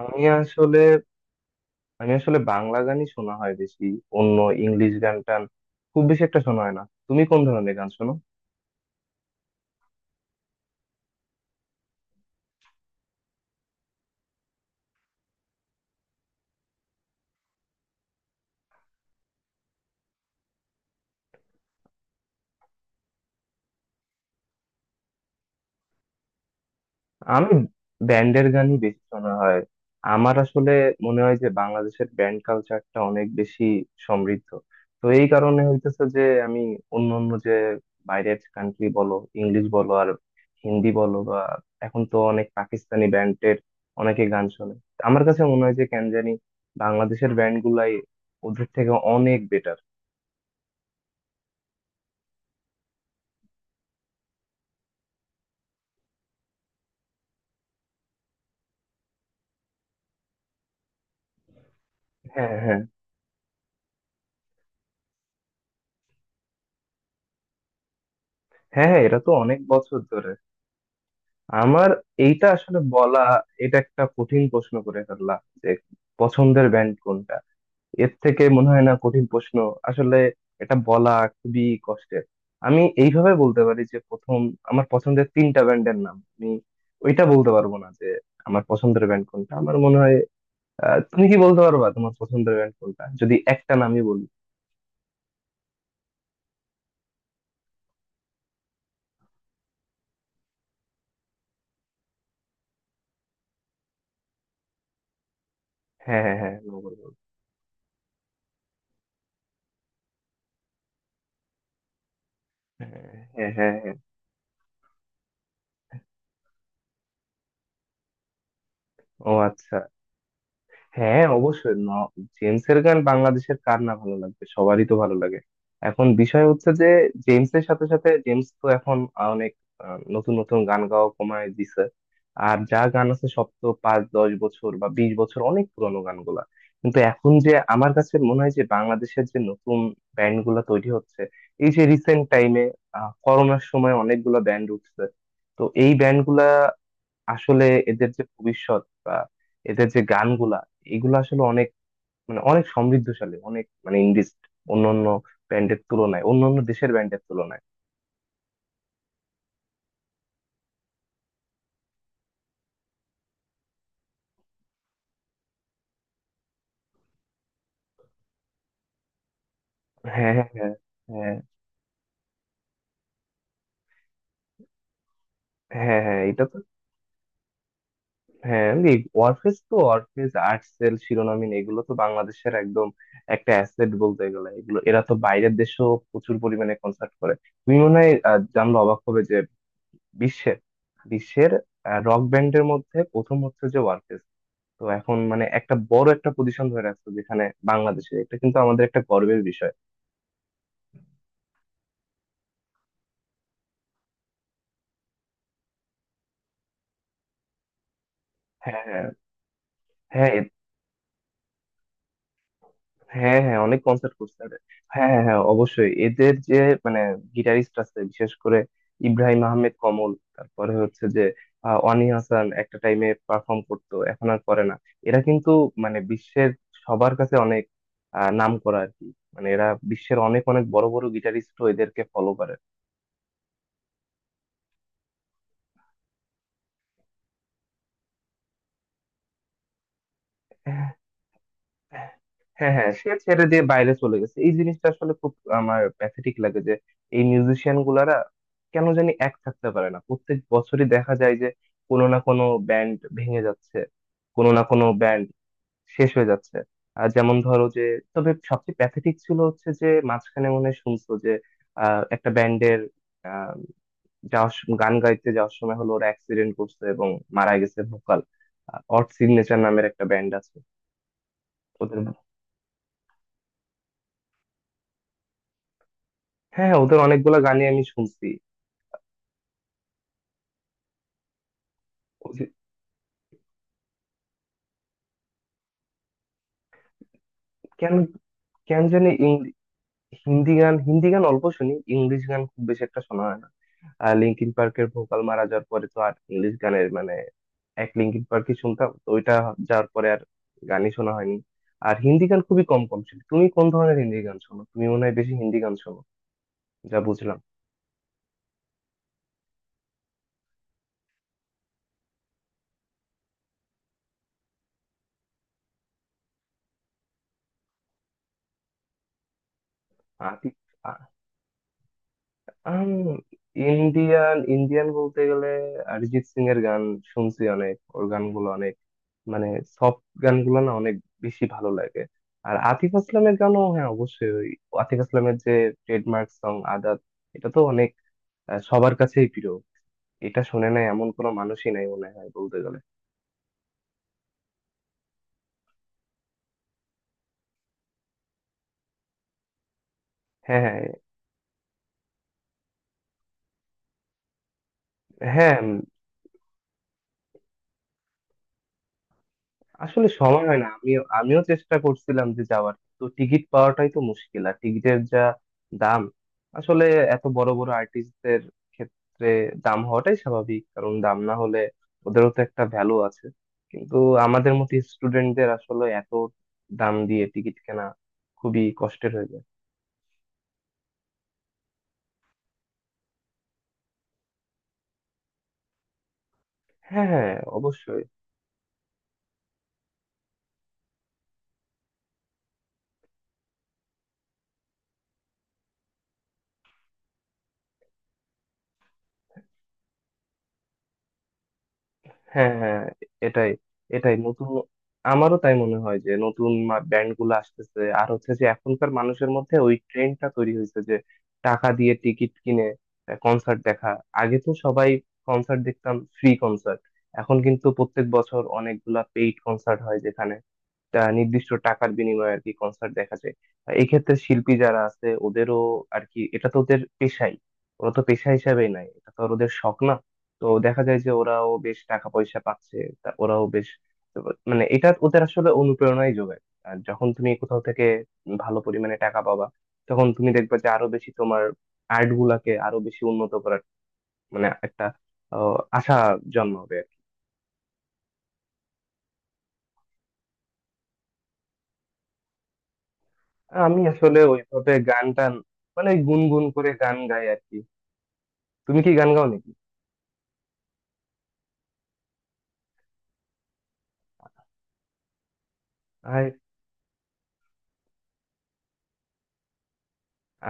আমি আসলে আমি আসলে বাংলা গানই শোনা হয় বেশি। অন্য ইংলিশ গান টান খুব বেশি একটা শোনা হয় না। তুমি কোন ধরনের গান শোনো? আমি ব্যান্ডের গানই বেশি শোনা হয়। আমার আসলে মনে হয় যে বাংলাদেশের ব্যান্ড কালচারটা অনেক বেশি সমৃদ্ধ। তো এই কারণে হইতেছে যে আমি অন্য অন্য যে বাইরের কান্ট্রি বলো, ইংলিশ বলো আর হিন্দি বলো, বা এখন তো অনেক পাকিস্তানি ব্যান্ডের অনেকে গান শোনে। আমার কাছে মনে হয় যে কেন জানি বাংলাদেশের ব্যান্ড গুলাই ওদের থেকে অনেক বেটার। হ্যাঁ হ্যাঁ হ্যাঁ হ্যাঁ, এটা তো অনেক বছর ধরে। আমার এইটা আসলে বলা, এটা একটা কঠিন প্রশ্ন করে ফেললাম যে পছন্দের ব্যান্ড কোনটা। এর থেকে মনে হয় না কঠিন প্রশ্ন আসলে, এটা বলা খুবই কষ্টের। আমি এইভাবে বলতে পারি যে প্রথম আমার পছন্দের তিনটা ব্যান্ডের নাম, আমি ওইটা বলতে পারবো না যে আমার পছন্দের ব্যান্ড কোনটা আমার মনে হয়। তুমি কি বলতে পারবা তোমার পছন্দের ব্যান্ড কোনটা যদি একটা নামই বলি? হ্যাঁ হ্যাঁ হ্যাঁ, no বলবো। হ্যাঁ হ্যাঁ হ্যাঁ হ্যাঁ। ও আচ্ছা। হ্যাঁ অবশ্যই, জেমসের গান বাংলাদেশের কার না ভালো লাগবে, সবারই তো ভালো লাগে। এখন বিষয় হচ্ছে যে জেমসের সাথে সাথে জেমস তো এখন অনেক নতুন নতুন গান গাওয়া কমায় দিছে। আর যা গান আছে সব তো 5-10 বছর বা 20 বছর, অনেক পুরোনো গানগুলা। কিন্তু এখন যে আমার কাছে মনে হয় যে বাংলাদেশের যে নতুন ব্যান্ড গুলা তৈরি হচ্ছে এই যে রিসেন্ট টাইমে, করোনার সময় অনেকগুলো ব্যান্ড উঠছে। তো এই ব্যান্ড গুলা আসলে, এদের যে ভবিষ্যৎ বা এদের যে গানগুলা এগুলো আসলে অনেক, মানে অনেক সমৃদ্ধশালী, অনেক মানে ইন্ডিজ অন্যান্য ব্যান্ডের তুলনায়, অন্যান্য দেশের ব্যান্ডের তুলনায়। হ্যাঁ হ্যাঁ হ্যাঁ হ্যাঁ হ্যাঁ, এটা তো। হ্যাঁ, এই ওয়ারফেজ তো, ওয়ারফেজ আর্টসেল শিরোনামহীন এগুলো তো বাংলাদেশের একদম একটা অ্যাসেট বলতে গেলে। এগুলো এরা তো বাইরের দেশেও প্রচুর পরিমাণে কনসার্ট করে। তুমি মনে হয় জানলে অবাক হবে যে বিশ্বের বিশ্বের রক ব্যান্ডের মধ্যে প্রথম হচ্ছে যে ওয়ারফেজ। তো এখন মানে একটা বড় একটা পজিশন ধরে রাখছো যেখানে বাংলাদেশের, এটা কিন্তু আমাদের একটা গর্বের বিষয়। হ্যাঁ হ্যাঁ হ্যাঁ হ্যাঁ হ্যাঁ, অনেক কনসার্ট করছে এরা। হ্যাঁ হ্যাঁ হ্যাঁ, অবশ্যই এদের যে মানে গিটারিস্ট আছে বিশেষ করে ইব্রাহিম আহমেদ কমল। তারপরে হচ্ছে যে অনি হাসান একটা টাইমে পারফর্ম করতো, এখন আর করে না। এরা কিন্তু মানে বিশ্বের সবার কাছে অনেক নাম করা আর কি। মানে এরা বিশ্বের অনেক অনেক বড় বড় গিটারিস্ট, এদেরকে ফলো করে। হ্যাঁ হ্যাঁ, সে ছেড়ে দিয়ে বাইরে চলে গেছে, এই জিনিসটা আসলে খুব আমার প্যাথেটিক লাগে যে এই মিউজিশিয়ান গুলারা কেন জানি এক থাকতে পারে না, প্রত্যেক বছরই দেখা যায় যে কোনো না কোনো ব্যান্ড ভেঙে যাচ্ছে, কোনো না কোনো ব্যান্ড শেষ হয়ে যাচ্ছে। আর যেমন ধরো যে, তবে সবচেয়ে প্যাথেটিক ছিল হচ্ছে যে মাঝখানে মনে হয় শুনছো যে একটা ব্যান্ডের আহ গান গাইতে যাওয়ার সময় হলো ওরা অ্যাক্সিডেন্ট করছে এবং মারা গেছে ভোকাল। অড সিগনেচার নামের একটা ব্যান্ড আছে, ওদের। হ্যাঁ হ্যাঁ, ওদের অনেকগুলো গানই আমি শুনছি। ওই যে, কেন কেন জানি হিন্দি গান হিন্দি গান অল্প শুনি, ইংলিশ গান খুব বেশি একটা শোনা হয় না। আর লিঙ্কিন পার্কের ভোকাল মারা যাওয়ার পরে তো আর ইংলিশ গানের মানে, এক লিঙ্কিন পার্কই শুনতাম তো, ওইটা যাওয়ার পরে আর গানই শোনা হয়নি। আর হিন্দি গান খুবই কম কম শুনি। তুমি কোন ধরনের হিন্দি গান শোনো? তুমি মনে হয় বেশি হিন্দি গান শোনো, যা বুঝলাম। আতিফ আম ইন্ডিয়ান ইন্ডিয়ান বলতে গেলে অরিজিৎ সিং এর গান শুনছি অনেক। ওর গানগুলো অনেক মানে সফট গানগুলো না, অনেক বেশি ভালো লাগে। আর আতিফ আসলামের গানও, হ্যাঁ অবশ্যই, ওই আতিফ আসলামের যে ট্রেডমার্ক সং আদাত, এটা তো অনেক সবার কাছেই প্রিয়। এটা শুনে নাই এমন কোনো মানুষই নাই মনে হয় বলতে গেলে। হ্যাঁ হ্যাঁ হ্যাঁ। আসলে সময় হয় না, আমিও আমিও চেষ্টা করছিলাম যে যাওয়ার, তো টিকিট পাওয়াটাই তো মুশকিল, আর টিকিটের যা দাম। আসলে এত বড় বড় আর্টিস্টদের ক্ষেত্রে দাম হওয়াটাই স্বাভাবিক, কারণ দাম না হলে ওদেরও তো একটা ভ্যালু আছে। কিন্তু আমাদের মতো স্টুডেন্টদের আসলে এত দাম দিয়ে টিকিট কেনা খুবই কষ্টের হয়ে যায়। হ্যাঁ হ্যাঁ, অবশ্যই। হ্যাঁ হ্যাঁ, এটাই এটাই নতুন, আমারও তাই মনে হয় যে নতুন ব্যান্ড গুলো আসতেছে আর হচ্ছে যে এখনকার মানুষের মধ্যে ওই ট্রেন্ডটা তৈরি হয়েছে যে টাকা দিয়ে টিকিট কিনে কনসার্ট দেখা। আগে তো সবাই কনসার্ট দেখতাম ফ্রি কনসার্ট, এখন কিন্তু প্রত্যেক বছর অনেকগুলা পেইড কনসার্ট হয় যেখানে নির্দিষ্ট টাকার বিনিময়ে আর কি কনসার্ট দেখা যায়। এই ক্ষেত্রে শিল্পী যারা আছে ওদেরও আর কি, এটা তো ওদের পেশাই, ওরা তো পেশা হিসাবেই নাই, এটা তো আর ওদের শখ না। তো দেখা যায় যে ওরাও বেশ টাকা পয়সা পাচ্ছে, তা ওরাও বেশ মানে, এটা ওদের আসলে অনুপ্রেরণাই যোগায়। আর যখন তুমি কোথাও থেকে ভালো পরিমাণে টাকা পাবা, তখন তুমি দেখবে যে আরো বেশি তোমার আর্ট গুলাকে আরো বেশি উন্নত করার মানে একটা আশা জন্মাবে। আমি আসলে ওইভাবে গান টান, মানে গুনগুন করে গান গাই আর কি। তুমি কি গান গাও নাকি? আয়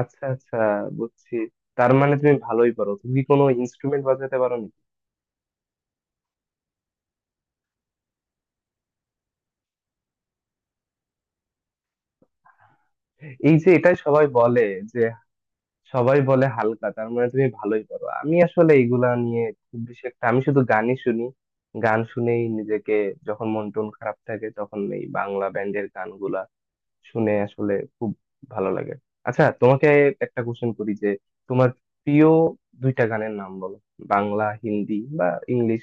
আচ্ছা আচ্ছা, বুঝছি, তার মানে তুমি ভালোই পারো। তুমি কি কোনো ইনস্ট্রুমেন্ট বাজাতে পারো নাকি? এই যে এটাই সবাই বলে যে, সবাই বলে হালকা তার মানে তুমি ভালোই পারো। আমি আসলে এইগুলা নিয়ে খুব বেশি একটা, আমি শুধু গানই শুনি। গান শুনেই নিজেকে, যখন মন টন খারাপ থাকে তখন এই বাংলা ব্যান্ডের গানগুলা শুনে আসলে খুব ভালো লাগে। আচ্ছা, তোমাকে একটা কোশ্চেন করি যে, তোমার প্রিয় দুইটা গানের নাম বলো, বাংলা হিন্দি বা ইংলিশ।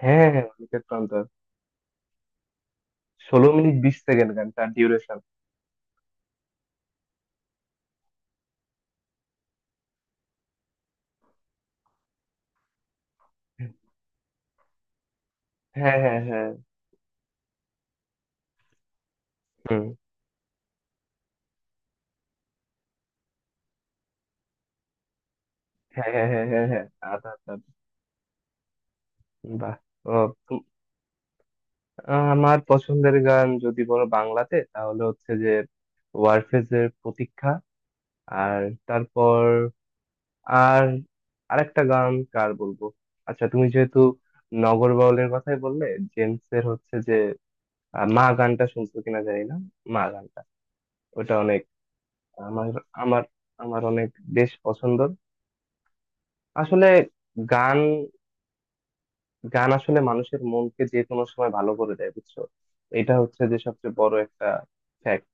হ্যাঁ হ্যাঁ, অনিকেত প্রান্তর, 16 মিনিট 20 সেকেন্ড গানটার ডিউরেশন। হ্যাঁ হ্যাঁ হ্যাঁ। হুম। হ্যাঁ হ্যাঁ হ্যাঁ হ্যাঁ হ্যাঁ, আধা আধা, বাহ। ও, তুম- আমার পছন্দের গান যদি বলো বাংলাতে, তাহলে হচ্ছে যে ওয়ারফেজের প্রতীক্ষা, আর তারপর আর আরেকটা গান কার বলবো? আচ্ছা, তুমি যেহেতু নগর বাউলের কথাই বললে, জেমস এর হচ্ছে যে মা গানটা শুনছো কিনা জানি না, মা গানটা ওটা অনেক, আমার আমার আমার অনেক বেশ পছন্দ আসলে গান। গান আসলে মানুষের মনকে যে কোনো সময় ভালো করে দেয়, বুঝছো? এটা হচ্ছে যে সবচেয়ে বড় একটা ফ্যাক্ট।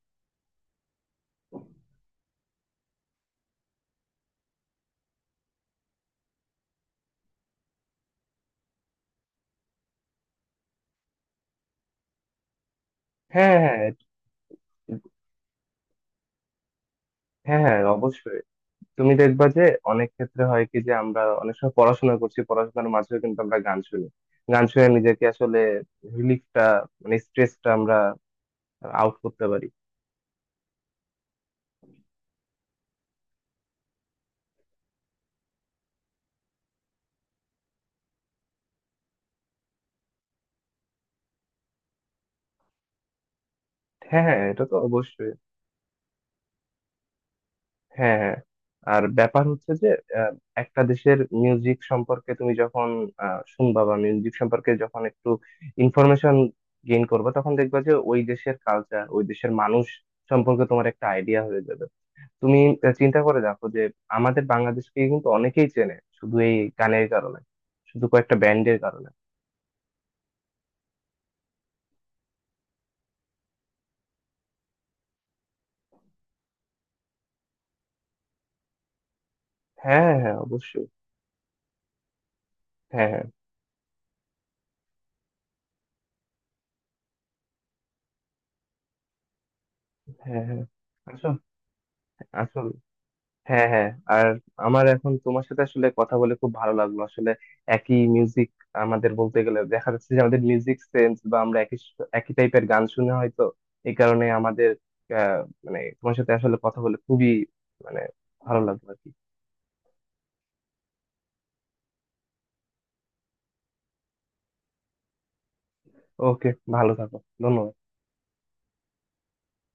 হ্যাঁ হ্যাঁ হ্যাঁ হ্যাঁ অবশ্যই। তুমি দেখবা যে অনেক ক্ষেত্রে হয় কি, যে আমরা অনেক সময় পড়াশোনা করছি, পড়াশোনার মাঝেও কিন্তু আমরা গান শুনি। গান শুনে নিজেকে আসলে রিলিফটা, মানে স্ট্রেসটা আমরা আউট করতে পারি। হ্যাঁ হ্যাঁ, এটা তো অবশ্যই। হ্যাঁ হ্যাঁ, আর ব্যাপার হচ্ছে যে আহ, একটা দেশের মিউজিক সম্পর্কে তুমি যখন শুনবা বা মিউজিক সম্পর্কে যখন একটু ইনফরমেশন গেইন করবে, তখন দেখবা যে ওই দেশের কালচার, ওই দেশের মানুষ সম্পর্কে তোমার একটা আইডিয়া হয়ে যাবে। তুমি চিন্তা করে দেখো যে আমাদের বাংলাদেশকে কিন্তু অনেকেই চেনে শুধু এই গানের কারণে, শুধু কয়েকটা ব্যান্ডের কারণে। হ্যাঁ হ্যাঁ হ্যাঁ, অবশ্যই। হ্যাঁ হ্যাঁ হ্যাঁ হ্যাঁ আসলে। হ্যাঁ হ্যাঁ, আর আমার এখন তোমার সাথে আসলে কথা বলে খুব ভালো লাগলো আসলে। একই মিউজিক, আমাদের বলতে গেলে দেখা যাচ্ছে যে আমাদের মিউজিক সেন্স, বা আমরা একই একই টাইপের গান শুনে হয়তো, এই কারণে আমাদের আহ মানে তোমার সাথে আসলে কথা বলে খুবই মানে ভালো লাগলো আর কি। ওকে, ভালো থাকো, ধন্যবাদ।